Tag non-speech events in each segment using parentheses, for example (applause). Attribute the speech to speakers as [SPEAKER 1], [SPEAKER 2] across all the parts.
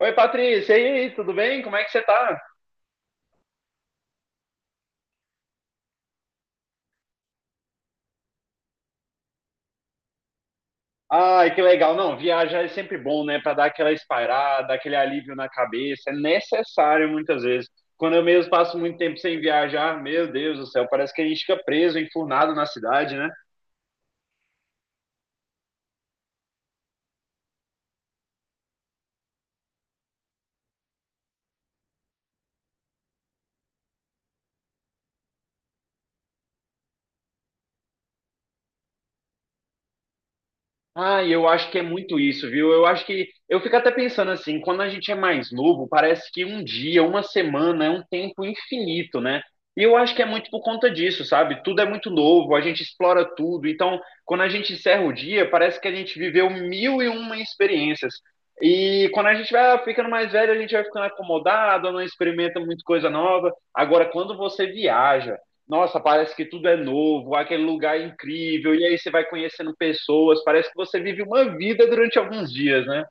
[SPEAKER 1] Oi, Patrícia, e aí, tudo bem? Como é que você tá? Ai, que legal. Não, viajar é sempre bom, né? Para dar aquela espairada, aquele alívio na cabeça. É necessário muitas vezes. Quando eu mesmo passo muito tempo sem viajar, meu Deus do céu, parece que a gente fica preso, enfurnado na cidade, né? Ah, eu acho que é muito isso, viu? Eu acho que eu fico até pensando assim, quando a gente é mais novo, parece que um dia, uma semana é um tempo infinito, né? E eu acho que é muito por conta disso, sabe? Tudo é muito novo, a gente explora tudo. Então, quando a gente encerra o dia, parece que a gente viveu mil e uma experiências. E quando a gente vai ficando mais velho, a gente vai ficando acomodado, não experimenta muita coisa nova. Agora, quando você viaja, nossa, parece que tudo é novo, aquele lugar é incrível, e aí você vai conhecendo pessoas, parece que você vive uma vida durante alguns dias, né?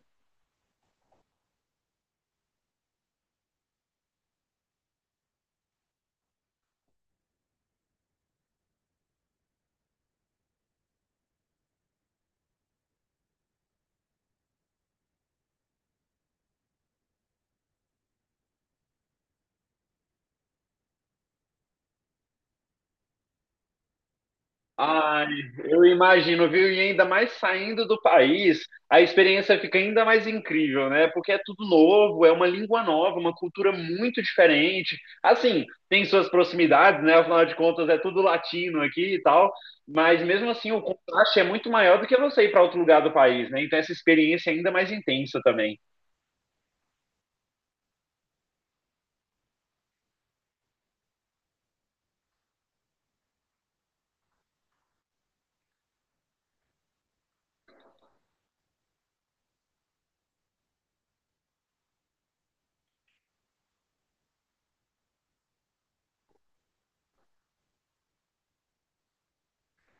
[SPEAKER 1] Ai, eu imagino, viu? E ainda mais saindo do país, a experiência fica ainda mais incrível, né? Porque é tudo novo, é uma língua nova, uma cultura muito diferente. Assim, tem suas proximidades, né? Afinal de contas, é tudo latino aqui e tal, mas mesmo assim o contraste é muito maior do que você ir para outro lugar do país, né? Então essa experiência é ainda mais intensa também.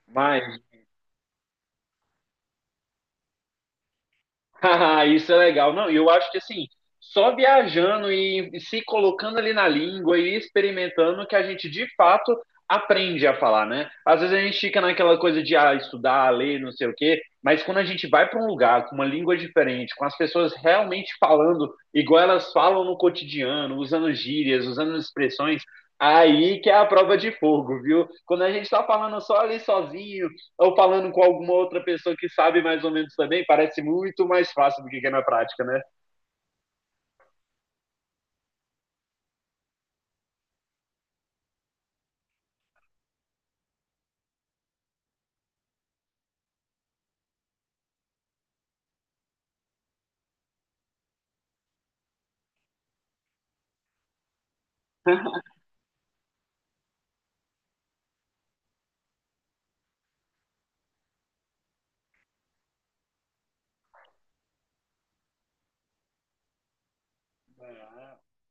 [SPEAKER 1] Mas (laughs) Haha, isso é legal. Não, eu acho que assim, só viajando e se colocando ali na língua e experimentando que a gente de fato aprende a falar, né? Às vezes a gente fica naquela coisa de ah, estudar, ler, não sei o quê, mas quando a gente vai para um lugar com uma língua diferente, com as pessoas realmente falando igual elas falam no cotidiano, usando gírias, usando expressões, aí que é a prova de fogo, viu? Quando a gente está falando só ali sozinho, ou falando com alguma outra pessoa que sabe mais ou menos também, parece muito mais fácil do que é na prática, né? (laughs)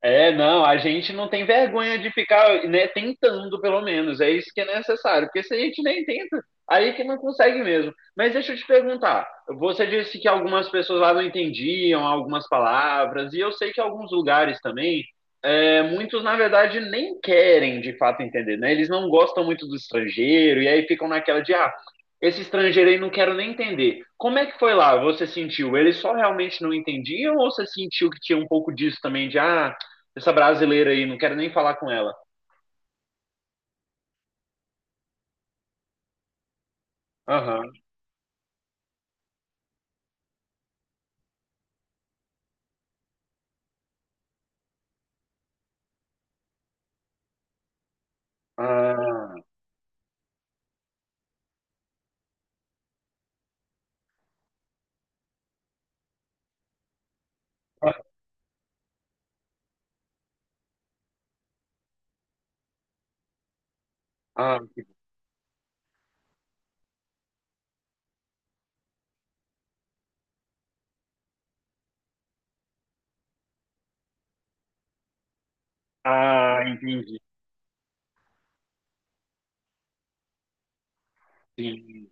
[SPEAKER 1] É, não, a gente não tem vergonha de ficar, né, tentando pelo menos, é isso que é necessário, porque se a gente nem tenta, aí que não consegue mesmo. Mas deixa eu te perguntar, você disse que algumas pessoas lá não entendiam algumas palavras, e eu sei que alguns lugares também é, muitos, na verdade, nem querem de fato entender, né? Eles não gostam muito do estrangeiro e aí ficam naquela de, ah, esse estrangeiro aí não quero nem entender. Como é que foi lá? Você sentiu? Eles só realmente não entendiam ou você sentiu que tinha um pouco disso também de, ah, essa brasileira aí, não quero nem falar com ela? Aham. Ah, ah, ah, ah, entendi. Sim.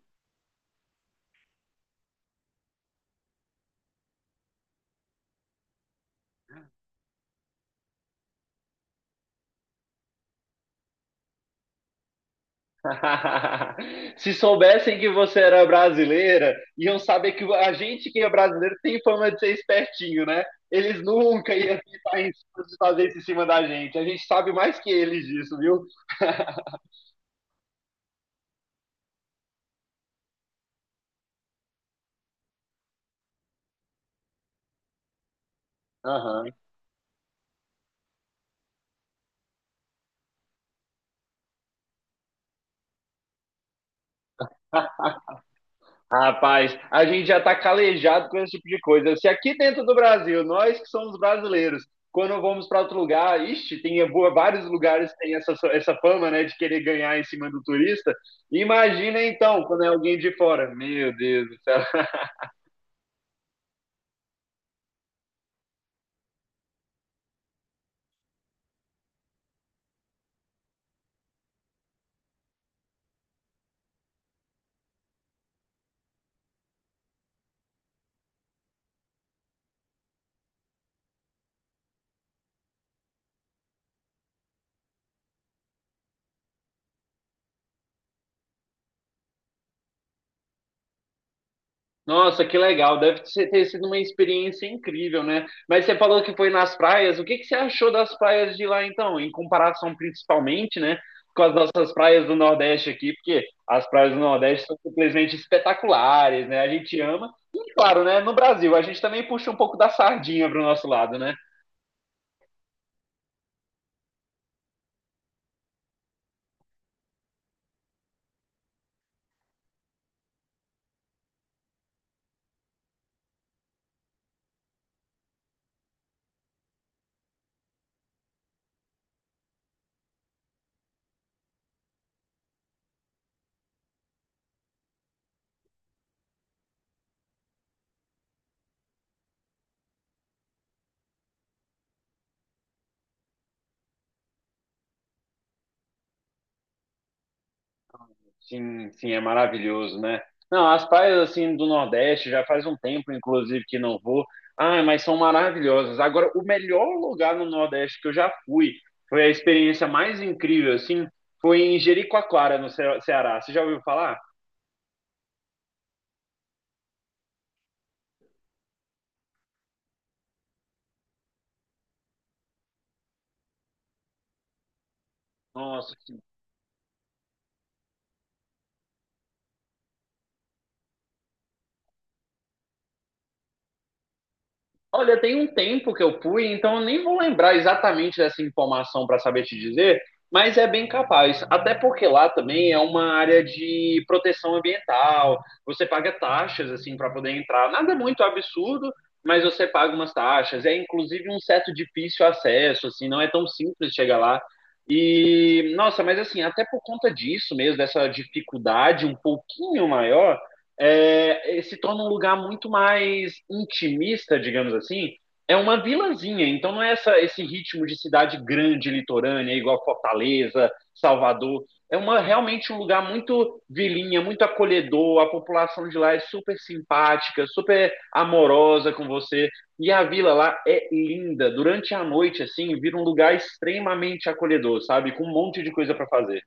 [SPEAKER 1] (laughs) Se soubessem que você era brasileira, iam saber que a gente que é brasileiro tem fama de ser espertinho, né? Eles nunca iam tentar em- fazer isso em cima da gente. A gente sabe mais que eles disso, viu? (laughs) Aham. Rapaz, a gente já está calejado com esse tipo de coisa. Se aqui dentro do Brasil, nós que somos brasileiros, quando vamos para outro lugar, ixi, tem boa- vários lugares que tem essa, essa fama, né, de querer ganhar em cima do turista. Imagina então, quando é alguém de fora. Meu Deus do céu. Nossa, que legal. Deve ser- ter sido uma experiência incrível, né? Mas você falou que foi nas praias. O que que você achou das praias de lá, então? Em comparação, principalmente, né, com as nossas praias do Nordeste aqui, porque as praias do Nordeste são simplesmente espetaculares, né? A gente ama. E, claro, né, no Brasil, a gente também puxa um pouco da sardinha pro nosso lado, né? Sim, sim, é maravilhoso, né? Não, as praias assim do Nordeste já faz um tempo, inclusive, que não vou. Ah, mas são maravilhosas. Agora, o melhor lugar no Nordeste que eu já fui, foi a experiência mais incrível, assim, foi em Jericoacoara, no Ce- Ceará. Você já ouviu falar? Nossa, olha, tem um tempo que eu fui, então eu nem vou lembrar exatamente dessa informação para saber te dizer, mas é bem capaz. Até porque lá também é uma área de proteção ambiental. Você paga taxas assim para poder entrar. Nada muito absurdo, mas você paga umas taxas. É inclusive um certo difícil acesso, assim, não é tão simples chegar lá. E nossa, mas assim, até por conta disso mesmo, dessa dificuldade um pouquinho maior, é, se torna um lugar muito mais intimista, digamos assim. É uma vilazinha, então não é essa, esse ritmo de cidade grande, litorânea, igual Fortaleza, Salvador. É uma, realmente um lugar muito vilinha, muito acolhedor. A população de lá é super simpática, super amorosa com você. E a vila lá é linda. Durante a noite, assim, vira um lugar extremamente acolhedor, sabe? Com um monte de coisa para fazer.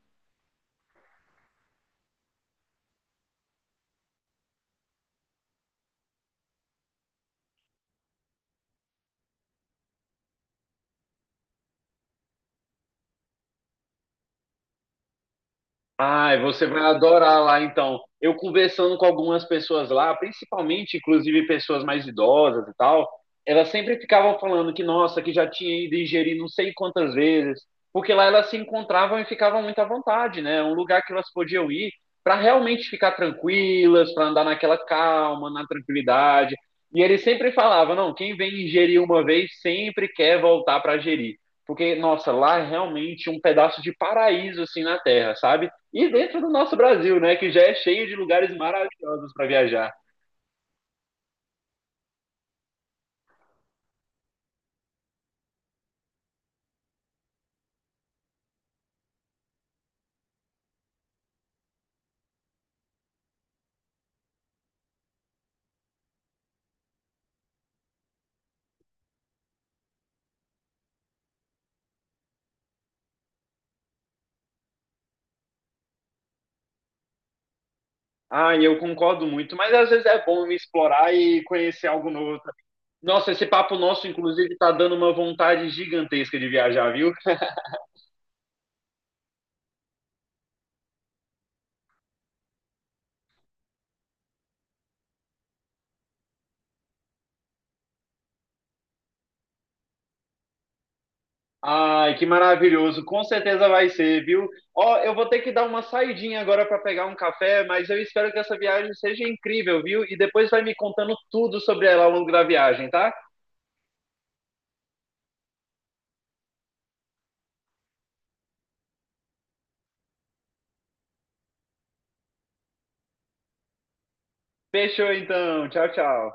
[SPEAKER 1] Ai, você vai adorar lá então. Eu conversando com algumas pessoas lá, principalmente, inclusive pessoas mais idosas e tal, elas sempre ficavam falando que, nossa, que já tinha ido ingerir não sei quantas vezes, porque lá elas se encontravam e ficavam muito à vontade, né? É um lugar que elas podiam ir para realmente ficar tranquilas, para andar naquela calma, na tranquilidade. E ele sempre falava, não, quem vem ingerir uma vez sempre quer voltar para gerir. Porque, nossa, lá é realmente um pedaço de paraíso assim na Terra, sabe? E dentro do nosso Brasil, né, que já é cheio de lugares maravilhosos para viajar. Ah, eu concordo muito, mas às vezes é bom explorar e conhecer algo novo também. Nossa, esse papo nosso, inclusive, tá dando uma vontade gigantesca de viajar, viu? Ai, que maravilhoso. Com certeza vai ser, viu? Ó, eu vou ter que dar uma saidinha agora para pegar um café, mas eu espero que essa viagem seja incrível, viu? E depois vai me contando tudo sobre ela ao longo da viagem, tá? Fechou então. Tchau, tchau.